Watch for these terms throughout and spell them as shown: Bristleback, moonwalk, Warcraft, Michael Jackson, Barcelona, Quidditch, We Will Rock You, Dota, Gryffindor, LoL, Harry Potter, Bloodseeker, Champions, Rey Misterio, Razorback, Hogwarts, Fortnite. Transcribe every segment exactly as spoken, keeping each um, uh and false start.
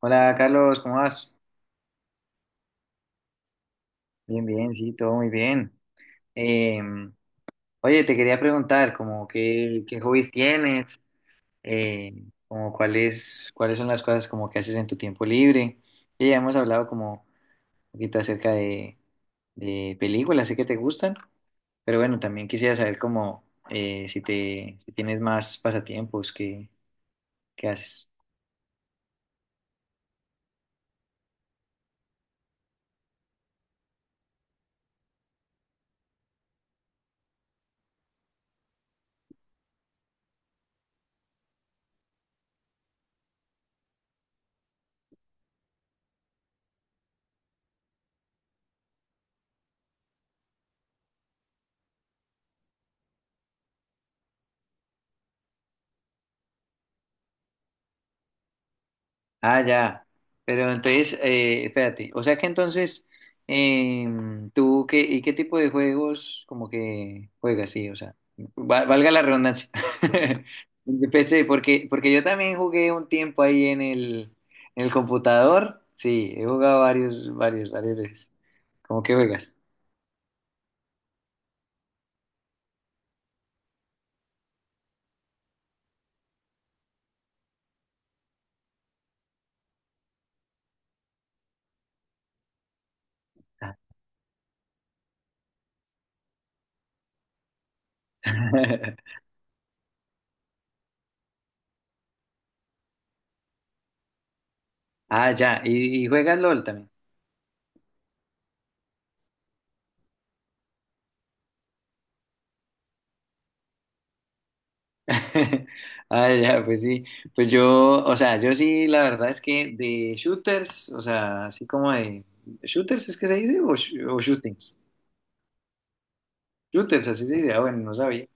Hola Carlos, ¿cómo vas? Bien, bien, sí, todo muy bien. Eh, oye, te quería preguntar, como qué, qué hobbies tienes, eh, como cuáles, cuáles son las cosas como que haces en tu tiempo libre. Sí, ya hemos hablado como un poquito acerca de, de películas, sé que te gustan, pero bueno, también quisiera saber como eh, si te, si tienes más pasatiempos, qué, qué haces. Ah, ya. Pero entonces, eh, espérate. O sea que entonces, em, ¿tú qué, y qué tipo de juegos como que juegas? Sí, o sea, va- valga la redundancia. Empecé, porque, porque yo también jugué un tiempo ahí en el, en el computador. Sí, he jugado varios, varios, varias veces. ¿Cómo que juegas? Ah, ya. ¿Y, y juegas LOL también? Ah, ya, pues sí. Pues yo, o sea, yo sí, la verdad es que de shooters, o sea, así como de ¿Shooters es que se dice? ¿O, sh- o shootings? Shooters, así se dice. Ah, bueno, no sabía.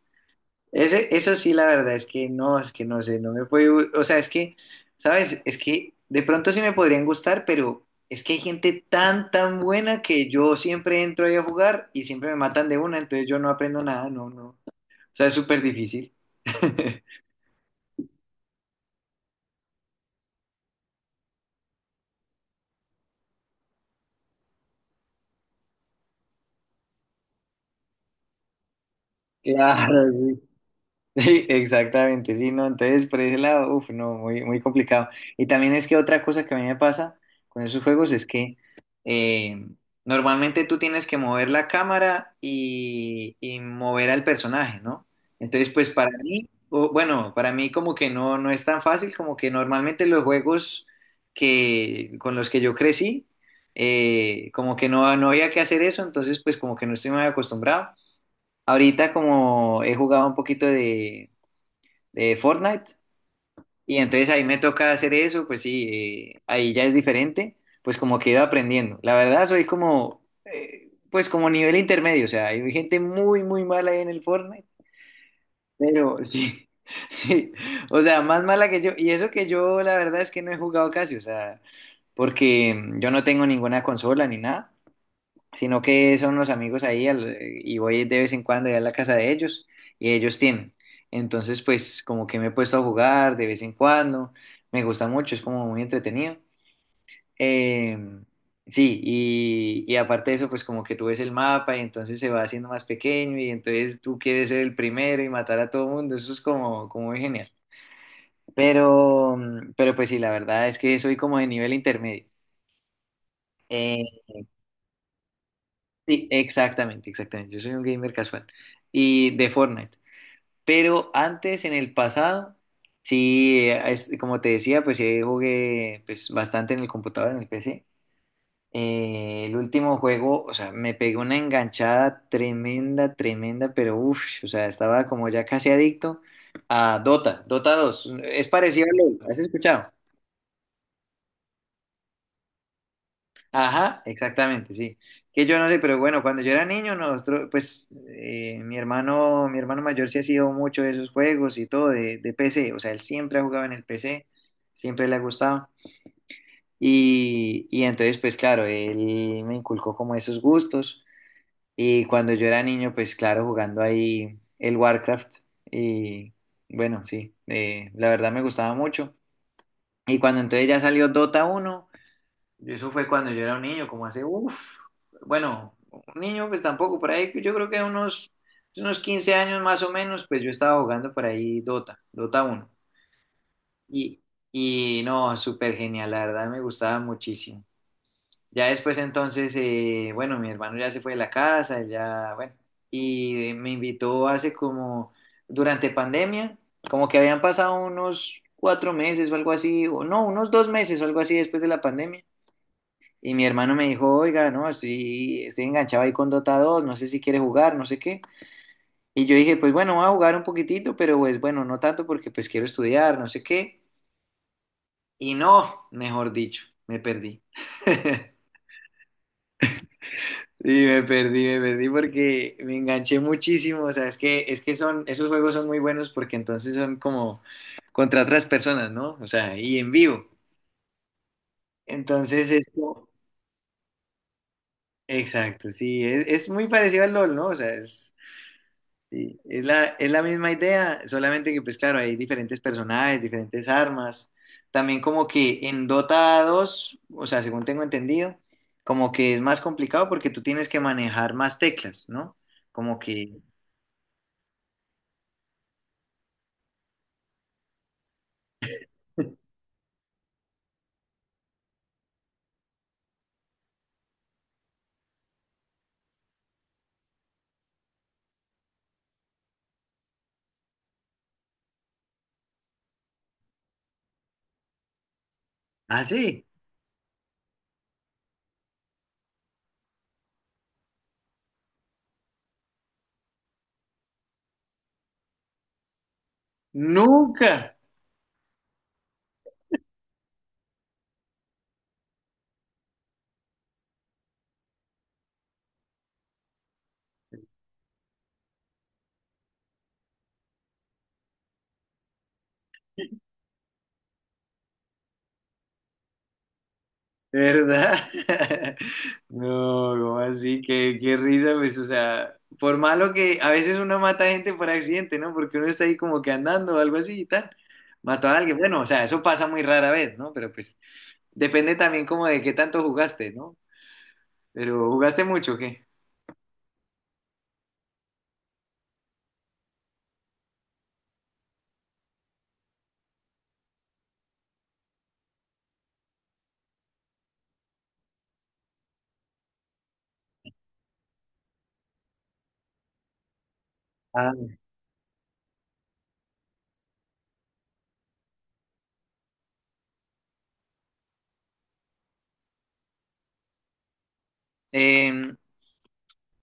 Ese, eso sí, la verdad es que no, es que no sé, no me puede gu- O sea, es que, ¿sabes? Es que de pronto sí me podrían gustar, pero es que hay gente tan, tan buena que yo siempre entro ahí a jugar y siempre me matan de una, entonces yo no aprendo nada, no, no. O sea, es súper difícil. Claro, sí, exactamente, sí, no, entonces por ese lado, uff, no, muy, muy complicado. Y también es que otra cosa que a mí me pasa con esos juegos es que eh, normalmente tú tienes que mover la cámara y, y mover al personaje, ¿no? Entonces, pues para mí, o, bueno, para mí como que no, no es tan fácil, como que normalmente los juegos que, con los que yo crecí, eh, como que no, no había que hacer eso, entonces pues como que no estoy muy acostumbrado. Ahorita como he jugado un poquito de de Fortnite. Y entonces ahí me toca hacer eso, pues sí, eh, ahí ya es diferente, pues como que ir aprendiendo. La verdad soy como, eh, pues como nivel intermedio, o sea, hay gente muy, muy mala ahí en el Fortnite, pero sí, sí, o sea, más mala que yo. Y eso que yo la verdad es que no he jugado casi, o sea, porque yo no tengo ninguna consola ni nada sino que son los amigos ahí al- eh, y voy de vez en cuando ya a la casa de ellos y ellos tienen. Entonces, pues como que me he puesto a jugar de vez en cuando, me gusta mucho, es como muy entretenido. Eh, sí, y, y aparte de eso, pues como que tú ves el mapa y entonces se va haciendo más pequeño y entonces tú quieres ser el primero y matar a todo mundo, eso es como, como muy genial. Pero, mm, pero pues sí, la verdad es que soy como de nivel intermedio. Eh, Sí, exactamente, exactamente. Yo soy un gamer casual y de Fortnite. Pero antes, en el pasado, sí, eh, es- como te decía, pues sí jugué pues, bastante en el computador, en el P C. Eh, el último juego, o sea, me pegó una enganchada tremenda, tremenda, pero uff, o sea, estaba como ya casi adicto a Dota, Dota dos. Es parecido a LoL, ¿has escuchado? Ajá, exactamente, sí. Que yo no sé, pero bueno, cuando yo era niño, nosotros, pues, eh, mi hermano, mi hermano mayor sí ha sido mucho de esos juegos y todo de, de P C. O sea, él siempre ha jugado en el P C, siempre le ha gustado. Y, y entonces, pues claro, él me inculcó como esos gustos. Y cuando yo era niño, pues claro, jugando ahí el Warcraft. Y bueno, sí, eh, la verdad me gustaba mucho. Y cuando entonces ya salió Dota uno yo eso fue cuando yo era un niño, como hace, uff, bueno, un niño pues tampoco, por ahí yo creo que unos, unos quince años más o menos, pues yo estaba jugando por ahí Dota, Dota uno. Y, y no, súper genial, la verdad me gustaba muchísimo. Ya después entonces, eh, bueno, mi hermano ya se fue de la casa, él ya, bueno, y me invitó hace como, durante pandemia, como que habían pasado unos cuatro meses o algo así, o no, unos dos meses o algo así después de la pandemia y mi hermano me dijo, oiga, no, estoy, estoy enganchado ahí con Dota dos, no sé si quiere jugar, no sé qué. Y yo dije, pues bueno, voy a jugar un poquitito, pero pues bueno, no tanto porque pues quiero estudiar, no sé qué. Y no, mejor dicho, me perdí. Sí, me perdí, me perdí porque me enganché muchísimo. O sea, es que, es que son, esos juegos son muy buenos porque entonces son como contra otras personas, ¿no? O sea, y en vivo. Entonces, esto, exacto, sí, es, es muy parecido al LOL, ¿no? O sea, es, sí, es la, es la misma idea, solamente que pues claro, hay diferentes personajes, diferentes armas. También como que en Dota dos o sea, según tengo entendido, como que es más complicado porque tú tienes que manejar más teclas, ¿no? Como que, ah sí, nunca. ¿Verdad? No, ¿cómo así? Qué, qué risa, pues, o sea, por malo que a veces uno mata gente por accidente, ¿no? Porque uno está ahí como que andando o algo así y tal. Mató a alguien. Bueno, o sea, eso pasa muy rara vez, ¿no? Pero pues depende también como de qué tanto jugaste, ¿no? Pero jugaste mucho, o ¿qué? Ah. Em,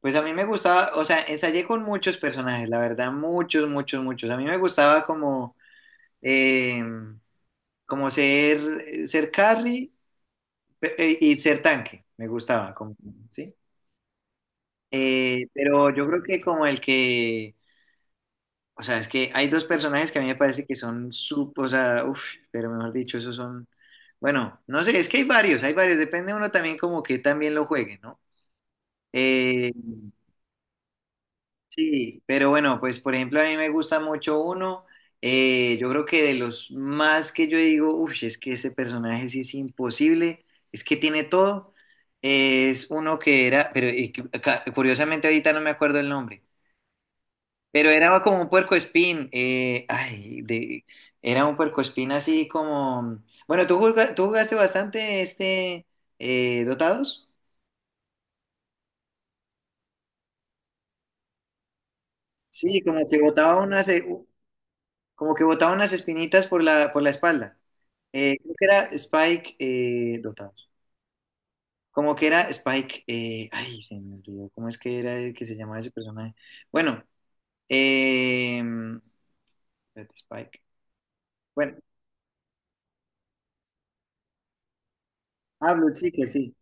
pues a mí me gustaba, o sea, ensayé con muchos personajes, la verdad, muchos, muchos, muchos. A mí me gustaba como, em, como ser, ser Carrie. Pe- eh, Y ser tanque, me gustaba, como, ¿sí? Eh, pero yo creo que como el que, o sea, es que hay dos personajes que a mí me parece que son, sup- o sea, uff, pero mejor dicho, esos son, bueno, no sé, es que hay varios, hay varios, depende uno también como que también lo juegue, ¿no? Eh, Sí, pero bueno, pues por ejemplo a mí me gusta mucho uno, eh, yo creo que de los más que yo digo, uff, es que ese personaje sí es imposible, es que tiene todo, eh, es uno que era, pero eh, que- ca- curiosamente ahorita no me acuerdo el nombre, pero era como un puercoespín, eh, ay, de, era un puercoespín así como, bueno, ¿tú, juga- tú jugaste bastante este eh, Dotados? Sí, como que botaba una, como que botaba unas espinitas por la, por la espalda. Eh, creo que era Spike eh, Dotados. Como que era Spike. eh, ay, se me olvidó. ¿Cómo es que era el que se llamaba ese personaje? Bueno, eh, espérate, Spike. Bueno, ah, Blood Seeker, sí.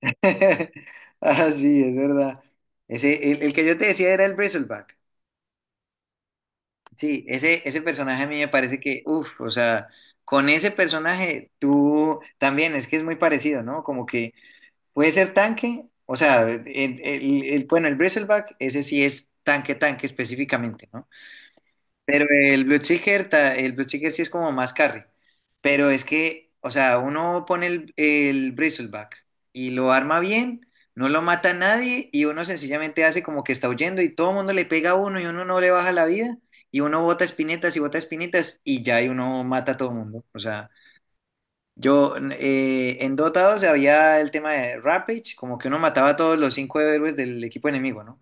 Ah, sí, es verdad. Ese, el, el que yo te decía era el Bristleback. Sí, ese, ese personaje a mí me parece que, uff, o sea, con ese personaje tú también, es que es muy parecido, ¿no? Como que. Puede ser tanque, o sea, el, el- el- bueno, el Bristleback, ese sí es tanque, tanque específicamente, ¿no? Pero el Bloodseeker, ta- el Bloodseeker sí es como más carry. Pero es que, o sea, uno pone el, el Bristleback y lo arma bien, no lo mata a nadie y uno sencillamente hace como que está huyendo y todo el mundo le pega a uno y uno no le baja la vida y uno bota espinetas y bota espinetas y ya y uno mata a todo el mundo. O sea, yo eh, en Dota dos había el tema de Rampage, como que uno mataba a todos los cinco héroes del equipo enemigo, ¿no?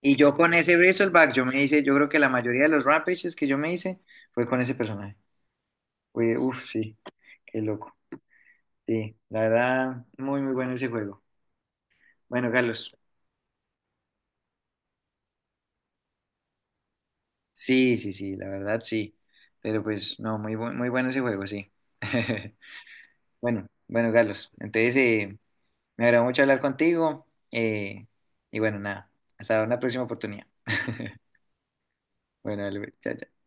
Y yo con ese Razorback, yo me hice, yo creo que la mayoría de los Rampages que yo me hice fue con ese personaje. Fue, uf, sí, qué loco. Sí, la verdad, muy, muy bueno ese juego. Bueno, Carlos, sí, sí, sí, la verdad, sí. Pero pues, no, muy, bu- muy bueno ese juego, sí. Bueno, bueno, Carlos, entonces eh, me agradó mucho hablar contigo. eh, y bueno, nada, hasta una próxima oportunidad. Bueno, dale, pues, chao, chao.